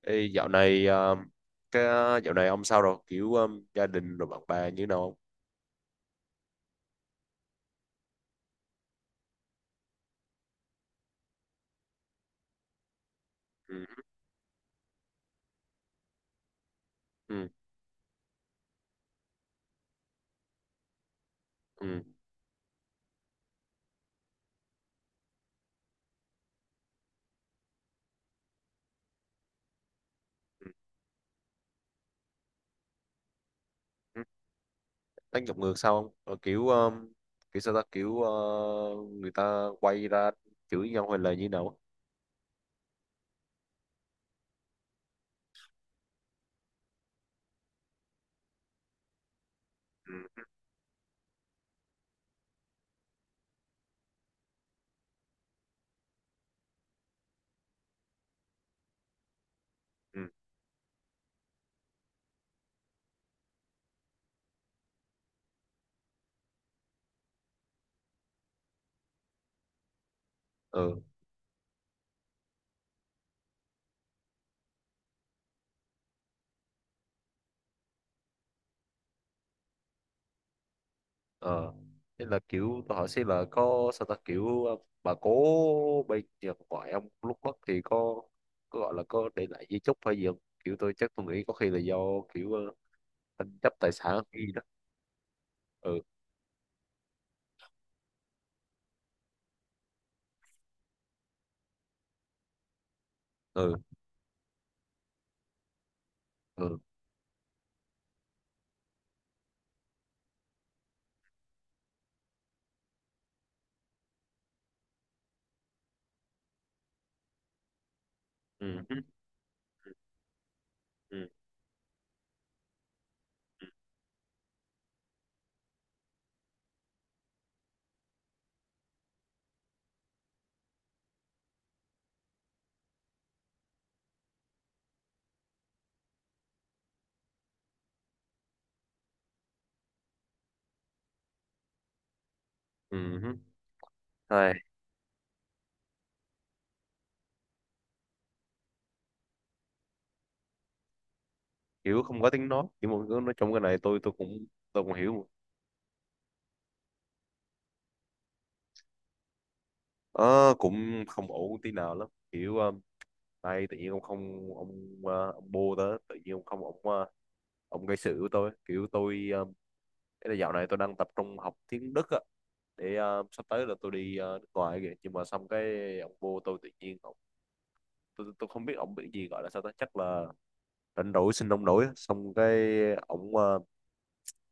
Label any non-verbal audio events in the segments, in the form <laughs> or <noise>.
Ê, dạo này cái dạo này ông sao rồi kiểu gia đình rồi bạn bè như nào không? Ừ, ừ, ừ, ừ. Ừ. Đánh giọng ngược sao không? Ờ, Kiểu kiểu sao ta kiểu người ta quay ra chửi nhau hay là như nào? Ừ, ừ, ừ, ờ, thế là kiểu tôi hỏi xem là có sao ta, kiểu bà cố bên nhà ngoại ông lúc mất thì có gọi là có để lại di chúc hay gì không? Kiểu tôi chắc tôi nghĩ có khi là do kiểu tranh chấp tài sản hay gì đó. Ừ, ừ, ừ, ừ hứ, ừ, ừ hứ. Thôi, kiểu không có tiếng nói, kiểu mọi người nói trong cái này tôi cũng tôi cũng hiểu. Ờ, cũng không ổn tí nào lắm, kiểu đây tự nhiên ông không ông ông bô đó tự nhiên ông không ông ông gây sự với tôi, kiểu tôi cái là dạo này tôi đang tập trung học tiếng Đức á, để sắp tới là tôi đi nước ngoài kìa, nhưng mà xong cái ông vô tôi tự nhiên ông tôi không biết ông bị gì, gọi là sao đó, chắc là rảnh rỗi xin ông nổi á. Xong cái ông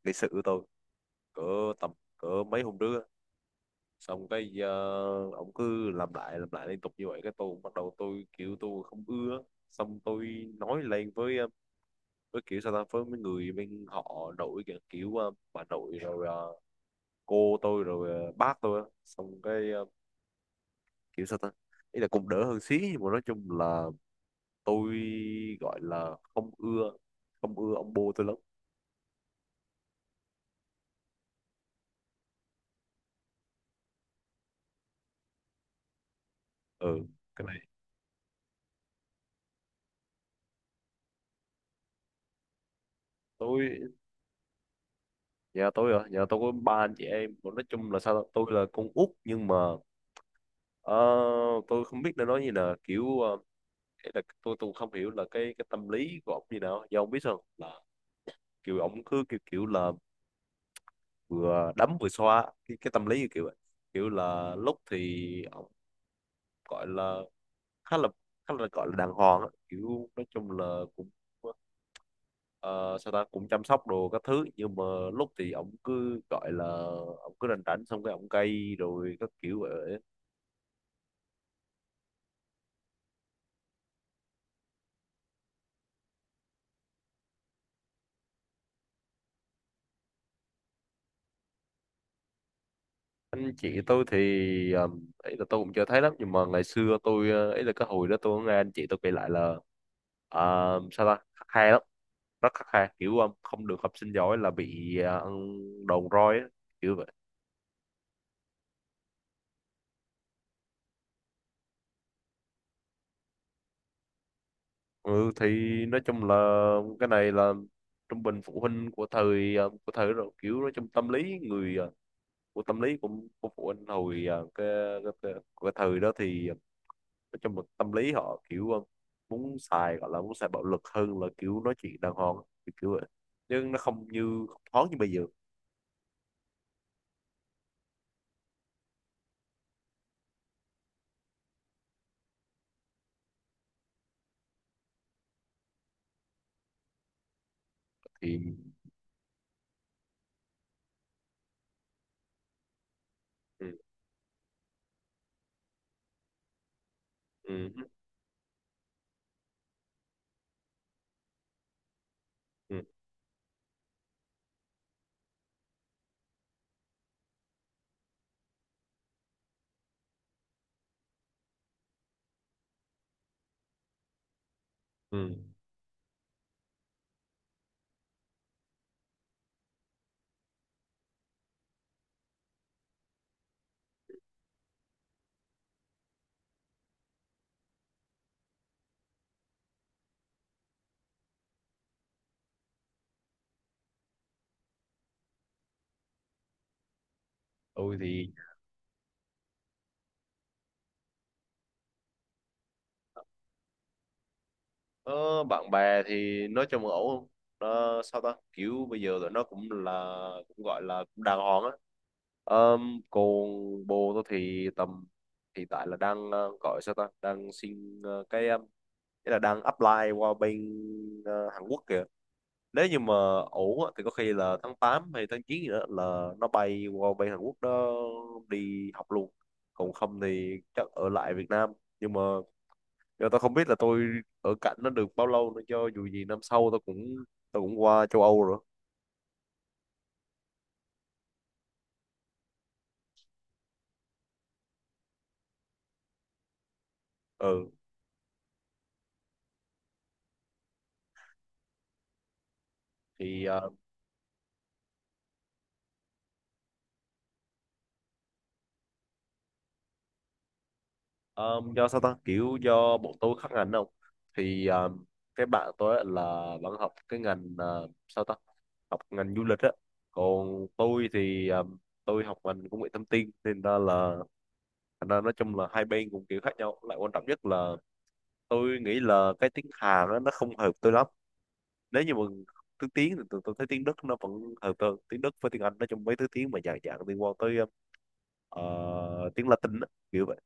gây sự với tôi cỡ tầm cỡ mấy hôm trước á. Xong cái ông cứ làm lại liên tục như vậy, cái tôi cũng bắt đầu tôi kiểu tôi không ưa. Xong tôi nói lên với với kiểu sao ta, với mấy người bên họ nội kìa, kiểu bà nội rồi cô tôi rồi bác tôi á. Xong cái kiểu sao ta, ý là cũng đỡ hơn xí, nhưng mà nói chung là tôi gọi là không ưa, không ưa ông bố tôi lắm. Ừ, cái này tôi. Nhà tôi à, nhà tôi có ba anh chị em. Còn nói chung là sao, tôi là con út nhưng mà ờ, tôi không biết nên nói như là kiểu ý là tôi không hiểu là cái tâm lý của ông như nào, do ông biết sao là kiểu ông cứ kiểu kiểu là vừa đấm vừa xoa cái tâm lý như kiểu vậy. Kiểu là lúc thì ông gọi là khá là khá là gọi là đàng hoàng á, kiểu nói chung là cũng ờ, sao ta cũng chăm sóc đồ các thứ, nhưng mà lúc thì ổng cứ gọi là ổng cứ rảnh rảnh xong cái ổng cay rồi các kiểu vậy. Anh chị tôi thì ấy là tôi cũng chưa thấy lắm, nhưng mà ngày xưa tôi ấy là cái hồi đó tôi có nghe anh chị tôi kể lại là ờ, sao ta khắt khe lắm, rất khắt khe, kiểu không được học sinh giỏi là bị ăn đòn roi á, kiểu vậy. Ừ thì nói chung là cái này là trung bình phụ huynh của thời của thời đó rồi, kiểu nói chung tâm lý người của tâm lý của phụ huynh hồi cái, cái, cái thời đó thì trong một tâm lý họ kiểu muốn xài gọi là muốn xài bạo lực hơn là kiểu nói chuyện đàng hoàng, kiểu vậy. Nhưng nó không như không thoáng như bây giờ thì ừ, ừ, ừ, ừ. Tôi thì ờ, bạn bè thì nói chung là ổn không. Ờ, sao ta kiểu bây giờ tụi nó cũng là cũng gọi là cũng đàng hoàng á. Còn bồ tôi thì tầm hiện tại là đang gọi sao ta, đang xin nghĩa là đang apply qua bên Hàn Quốc kìa. Nếu như mà ổn á, thì có khi là tháng 8 hay tháng 9 gì đó là nó bay qua bên Hàn Quốc đó đi học luôn, còn không thì chắc ở lại Việt Nam. Nhưng mà giờ tao không biết là tôi ở cạnh nó được bao lâu nữa, cho dù gì năm sau tao cũng qua châu Âu rồi. Ừ thì à, ờ, do sao ta kiểu do bọn tôi khác ngành không, thì cái bạn tôi á là vẫn học cái ngành sao ta học ngành du lịch á, còn tôi thì tôi học ngành công nghệ thông tin nên ra là thành ra nói chung là hai bên cũng kiểu khác nhau, lại quan trọng nhất là tôi nghĩ là cái tiếng Hàn á, nó không hợp tôi lắm. Nếu như mà thứ tiếng thì tôi thấy tiếng Đức nó vẫn hợp tôi hơn, tiếng Đức với tiếng Anh, nói chung mấy thứ tiếng mà dạng dạng liên quan tới tiếng Latin á, kiểu vậy.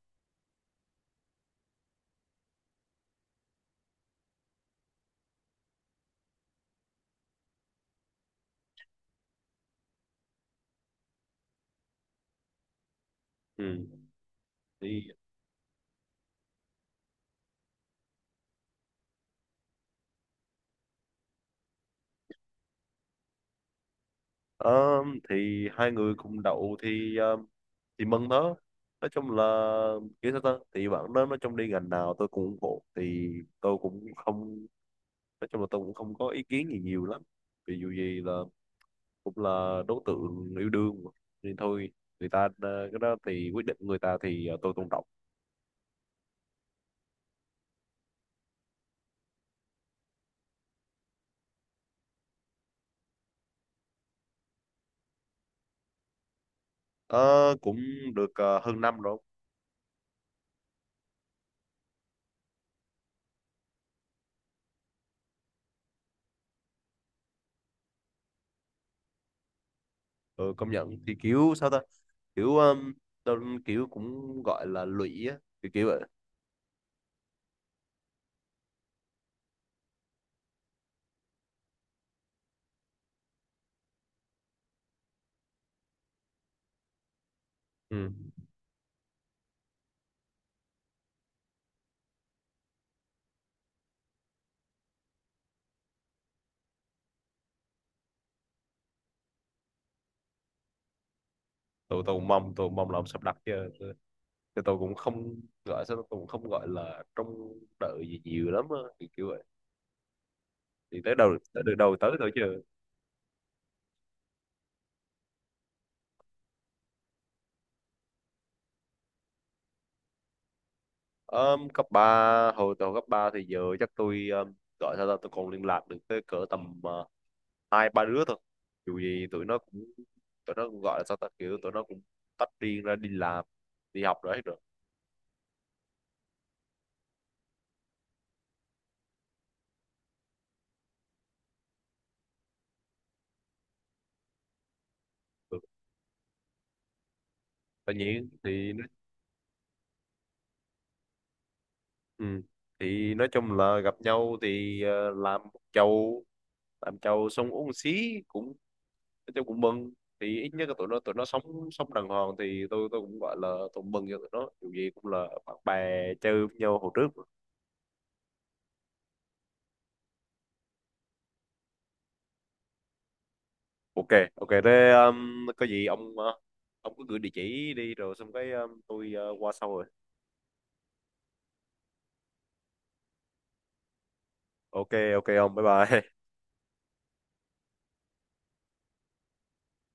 Ừ. Ờ, thì hai người cùng đậu thì thì mừng đó. Nói chung là kiểu sao ta thì bạn đó nói chung đi ngành nào tôi cũng ủng hộ, thì tôi cũng không, nói chung là tôi cũng không có ý kiến gì nhiều lắm vì dù gì là cũng là đối tượng yêu đương mà. Nên thôi, người ta cái đó thì quyết định người ta thì tôi tôn trọng. Ờ, cũng được hơn năm rồi. Ừ, công nhận thì kiểu sao ta, kiểu tôi kiểu cũng gọi là lụy á, kiểu kiểu vậy. Ừ, tôi cũng mong, tôi cũng mong là ông sắp đặt chứ, chứ tôi cũng không gọi sao tôi cũng không gọi là trông đợi gì nhiều lắm á, kiểu kiểu vậy. Thì tới đầu tới được đầu tới thôi chứ. Cấp 3 hồi tôi cấp 3 thì giờ chắc tôi gọi sao ta tôi còn liên lạc được tới cỡ tầm hai ba đứa thôi. Dù gì tụi nó cũng gọi là sao ta kiểu tụi nó cũng tách riêng ra đi làm đi học rồi hết rồi. Ừ. Tất nhiên thì nó- ừ. Thì nói chung là gặp nhau thì làm một chầu, làm giàu xong uống một xí cũng tôi cũng mừng, thì ít nhất là tụi nó sống sống đàng hoàng thì tôi cũng gọi là tôi mừng cho tụi nó, dù gì cũng là bạn bè chơi với nhau hồi trước mà. Ok, ok, thế có gì ông ông cứ gửi địa chỉ đi rồi xong cái tôi qua sau rồi. Ok ok ông bye bye <laughs>